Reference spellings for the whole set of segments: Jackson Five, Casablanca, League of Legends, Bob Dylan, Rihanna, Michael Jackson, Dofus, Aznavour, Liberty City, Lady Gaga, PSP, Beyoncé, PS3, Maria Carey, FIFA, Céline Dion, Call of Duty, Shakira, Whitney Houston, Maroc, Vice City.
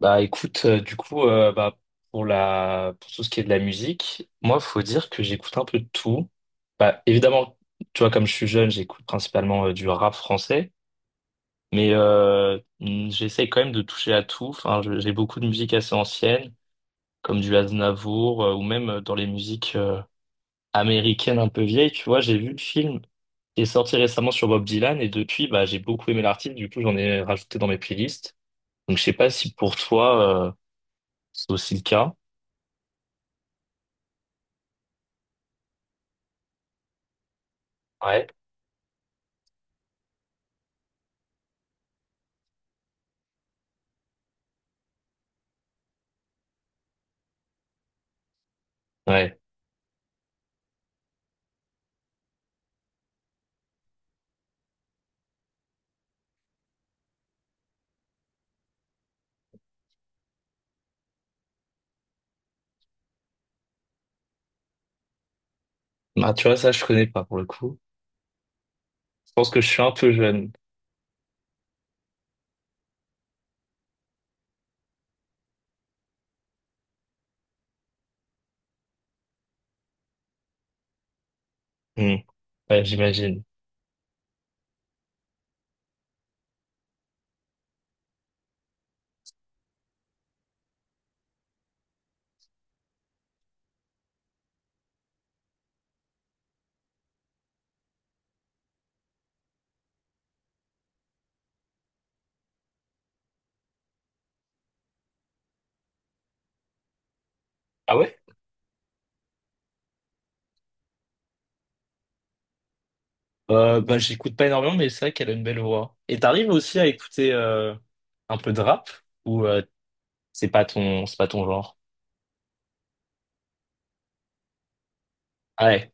Bah écoute, du coup, bah, pour la pour tout ce qui est de la musique, moi, faut dire que j'écoute un peu de tout. Bah évidemment, tu vois, comme je suis jeune, j'écoute principalement du rap français, mais j'essaie quand même de toucher à tout. Enfin, j'ai beaucoup de musique assez ancienne, comme du Aznavour, ou même dans les musiques américaines un peu vieilles. Tu vois, j'ai vu le film qui est sorti récemment sur Bob Dylan, et depuis, bah j'ai beaucoup aimé l'artiste. Du coup, j'en ai rajouté dans mes playlists. Donc, je sais pas si pour toi, c'est aussi le cas. Ouais. Ouais. Ah, tu vois, ça, je connais pas pour le coup. Je pense que je suis un peu jeune. Hmm. Ouais, j'imagine. Ah ouais? J'écoute pas énormément, mais c'est vrai qu'elle a une belle voix. Et t'arrives aussi à écouter un peu de rap ou c'est pas ton genre? Ouais.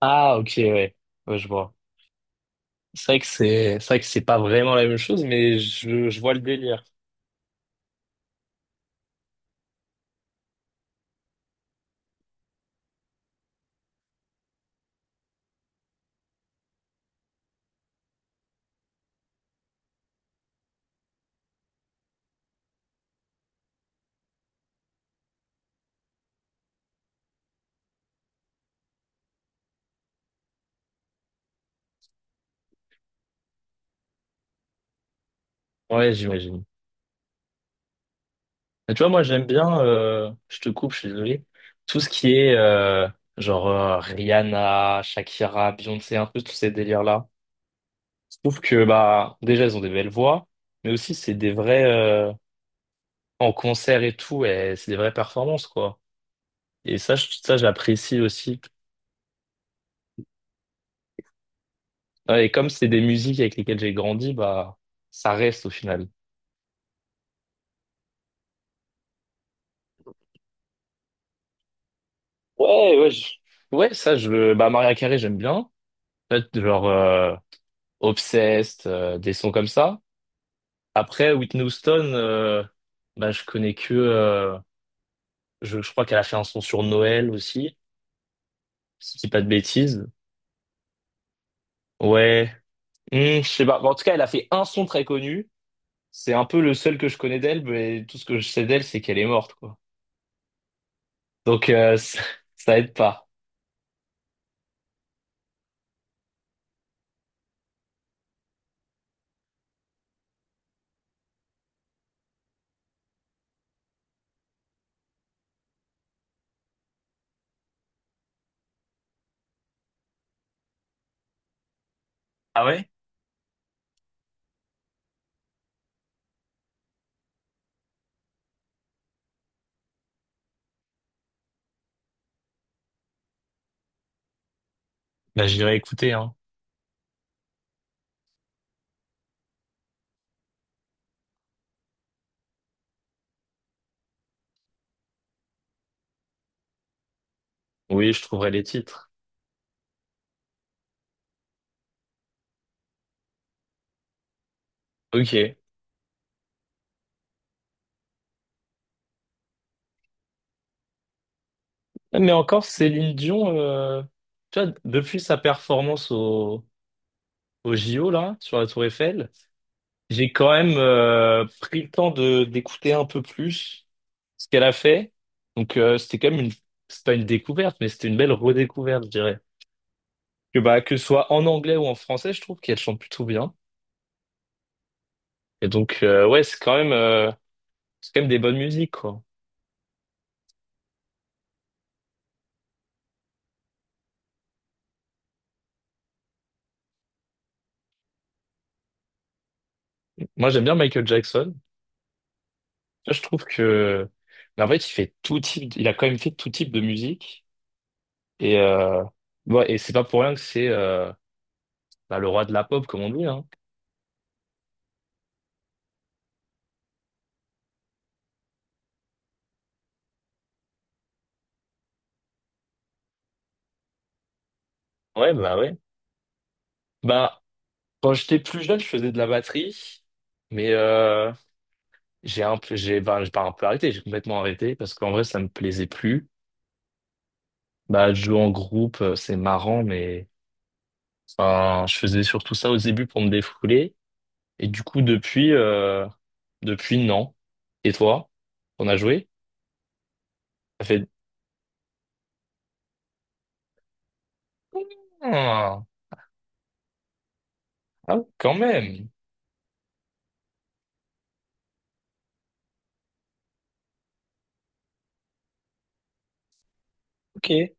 Ah ok ouais. Ouais, je vois. C'est vrai que c'est vrai que c'est pas vraiment la même chose, mais je vois le délire. Ouais, j'imagine. Et tu vois, moi, j'aime bien, je te coupe, je suis désolé, tout ce qui est Rihanna, Shakira, Beyoncé, un peu tous ces délires-là. Je trouve que, bah, déjà, elles ont des belles voix, mais aussi, c'est des vrais, en concert et tout, et c'est des vraies performances, quoi. Et ça, ça, j'apprécie aussi. Ouais, et comme c'est des musiques avec lesquelles j'ai grandi, bah, ça reste au final. Ouais, ouais, ouais, ça, je, bah, Maria Carey, j'aime bien. En fait, Obsessed, des sons comme ça. Après, Whitney Houston, bah, je connais que. Je crois qu'elle a fait un son sur Noël aussi, si je dis pas de bêtises. Ouais. Hmm, je sais pas. Bon, en tout cas, elle a fait un son très connu. C'est un peu le seul que je connais d'elle, mais tout ce que je sais d'elle, c'est qu'elle est morte, quoi. Donc, ça aide pas. Ah ouais? Bah, j'irai écouter, hein. Oui, je trouverai les titres. Ok. Mais encore, Céline Dion, tu vois, depuis sa performance au JO, là, sur la Tour Eiffel. J'ai quand même pris le temps de d'écouter un peu plus ce qu'elle a fait. C'était quand même une c'est pas une découverte, mais c'était une belle redécouverte, je dirais. Que que ce soit en anglais ou en français, je trouve qu'elle chante plutôt bien. Et donc ouais, c'est quand même des bonnes musiques quoi. Moi j'aime bien Michael Jackson. Ça, je trouve que mais en fait il fait tout type, il a quand même fait tout type de musique. Et ouais, et c'est pas pour rien que c'est bah, le roi de la pop comme on dit hein. Ouais. Bah quand j'étais plus jeune, je faisais de la batterie, mais j'ai un peu, j'ai, ben, j'ai pas un peu arrêté, j'ai complètement arrêté parce qu'en vrai, ça me plaisait plus. Bah, de jouer en groupe, c'est marrant, mais enfin, je faisais surtout ça au début pour me défouler. Et du coup, depuis, non. Et toi, on a joué? Ça fait ah, ah, quand même. Ok. Et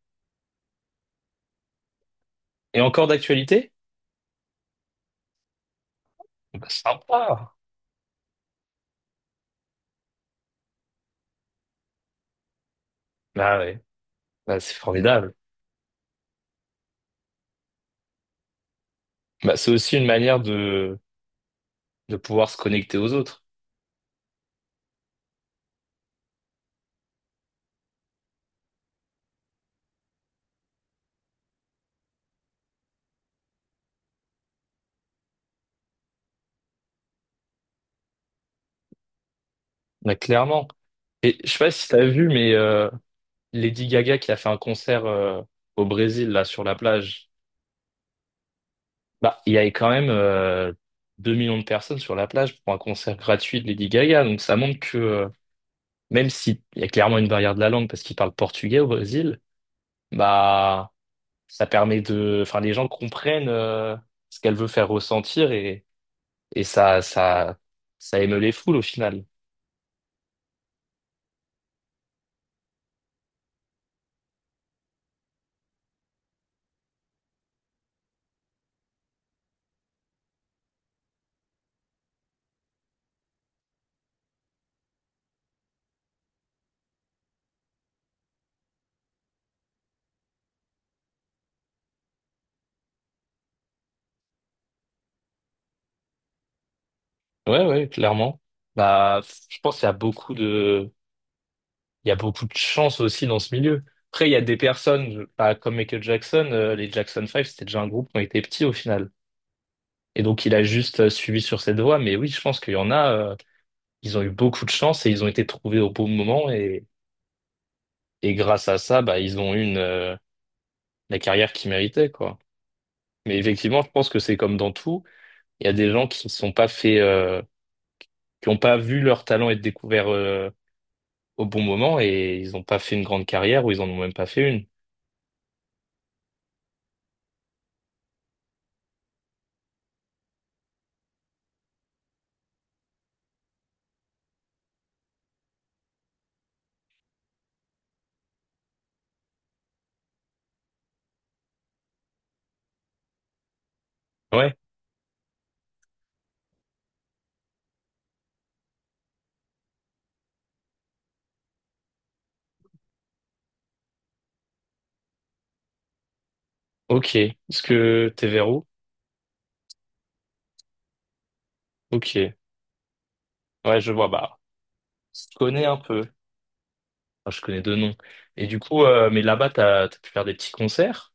encore d'actualité? Bah, sympa. Bah ouais. Bah, c'est formidable. Bah, c'est aussi une manière de pouvoir se connecter aux autres. Mais clairement. Et je sais pas si t'as vu, mais Lady Gaga qui a fait un concert au Brésil, là, sur la plage, bah, il y avait quand même 2 millions de personnes sur la plage pour un concert gratuit de Lady Gaga. Donc ça montre que même s'il y a clairement une barrière de la langue parce qu'ils parlent portugais au Brésil, bah ça permet de. Enfin, les gens comprennent ce qu'elle veut faire ressentir et, et ça, ça, ça émeut les foules au final. Ouais, ouais, clairement. Bah, je pense qu'il y a beaucoup de il y a beaucoup de chance aussi dans ce milieu. Après, il y a des personnes, bah, comme Michael Jackson, les Jackson Five c'était déjà un groupe qui était petit au final. Et donc, il a juste suivi sur cette voie. Mais oui, je pense qu'il y en a, ils ont eu beaucoup de chance et ils ont été trouvés au bon moment. Et grâce à ça, bah, ils ont eu une, la carrière qu'ils méritaient, quoi. Mais effectivement, je pense que c'est comme dans tout. Il y a des gens qui ne sont pas fait, qui n'ont pas vu leur talent être découvert, au bon moment et ils n'ont pas fait une grande carrière ou ils en ont même pas fait une. Ouais, ok. Est-ce que t'es vers où? Ok, ouais, je vois, bah, je connais un peu. Enfin, je connais deux noms. Et du coup, mais là-bas, t'as pu faire des petits concerts?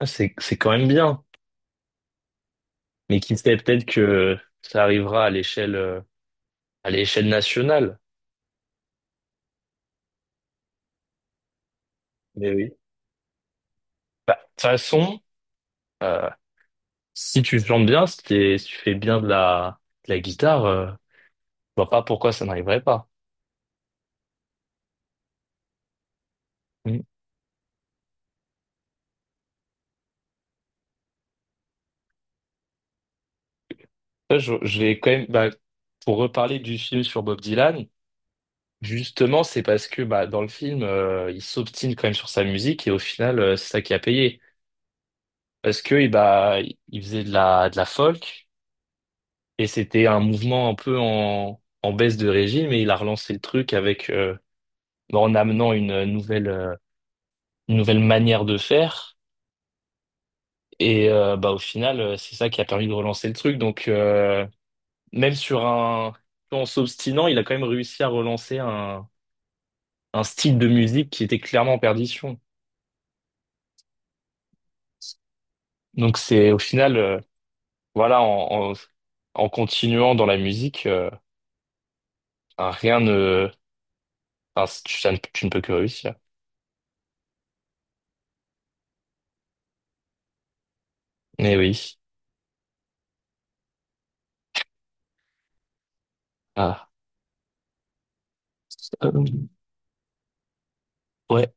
Ah, c'est quand même bien. Mais qui sait, peut-être que ça arrivera à l'échelle nationale. Mais oui. Bah, de toute façon, euh, si tu chantes bien, si tu fais bien de de la guitare, je vois pas pourquoi ça n'arriverait pas. Mm. Ça, je vais quand même, bah, pour reparler du film sur Bob Dylan. Justement, c'est parce que bah, dans le film, il s'obstine quand même sur sa musique et au final, c'est ça qui a payé. Parce que eh bah, il faisait de de la folk et c'était un mouvement un peu en baisse de régime et il a relancé le truc avec bah, en amenant une nouvelle manière de faire. Et bah, au final, c'est ça qui a permis de relancer le truc. Donc, même sur un, en s'obstinant, il a quand même réussi à relancer un style de musique qui était clairement en perdition. Donc c'est au final voilà, en continuant dans la musique, enfin, rien ne, enfin, ça ne- tu ne peux que réussir. Mais oui. Ah. Euh, ouais.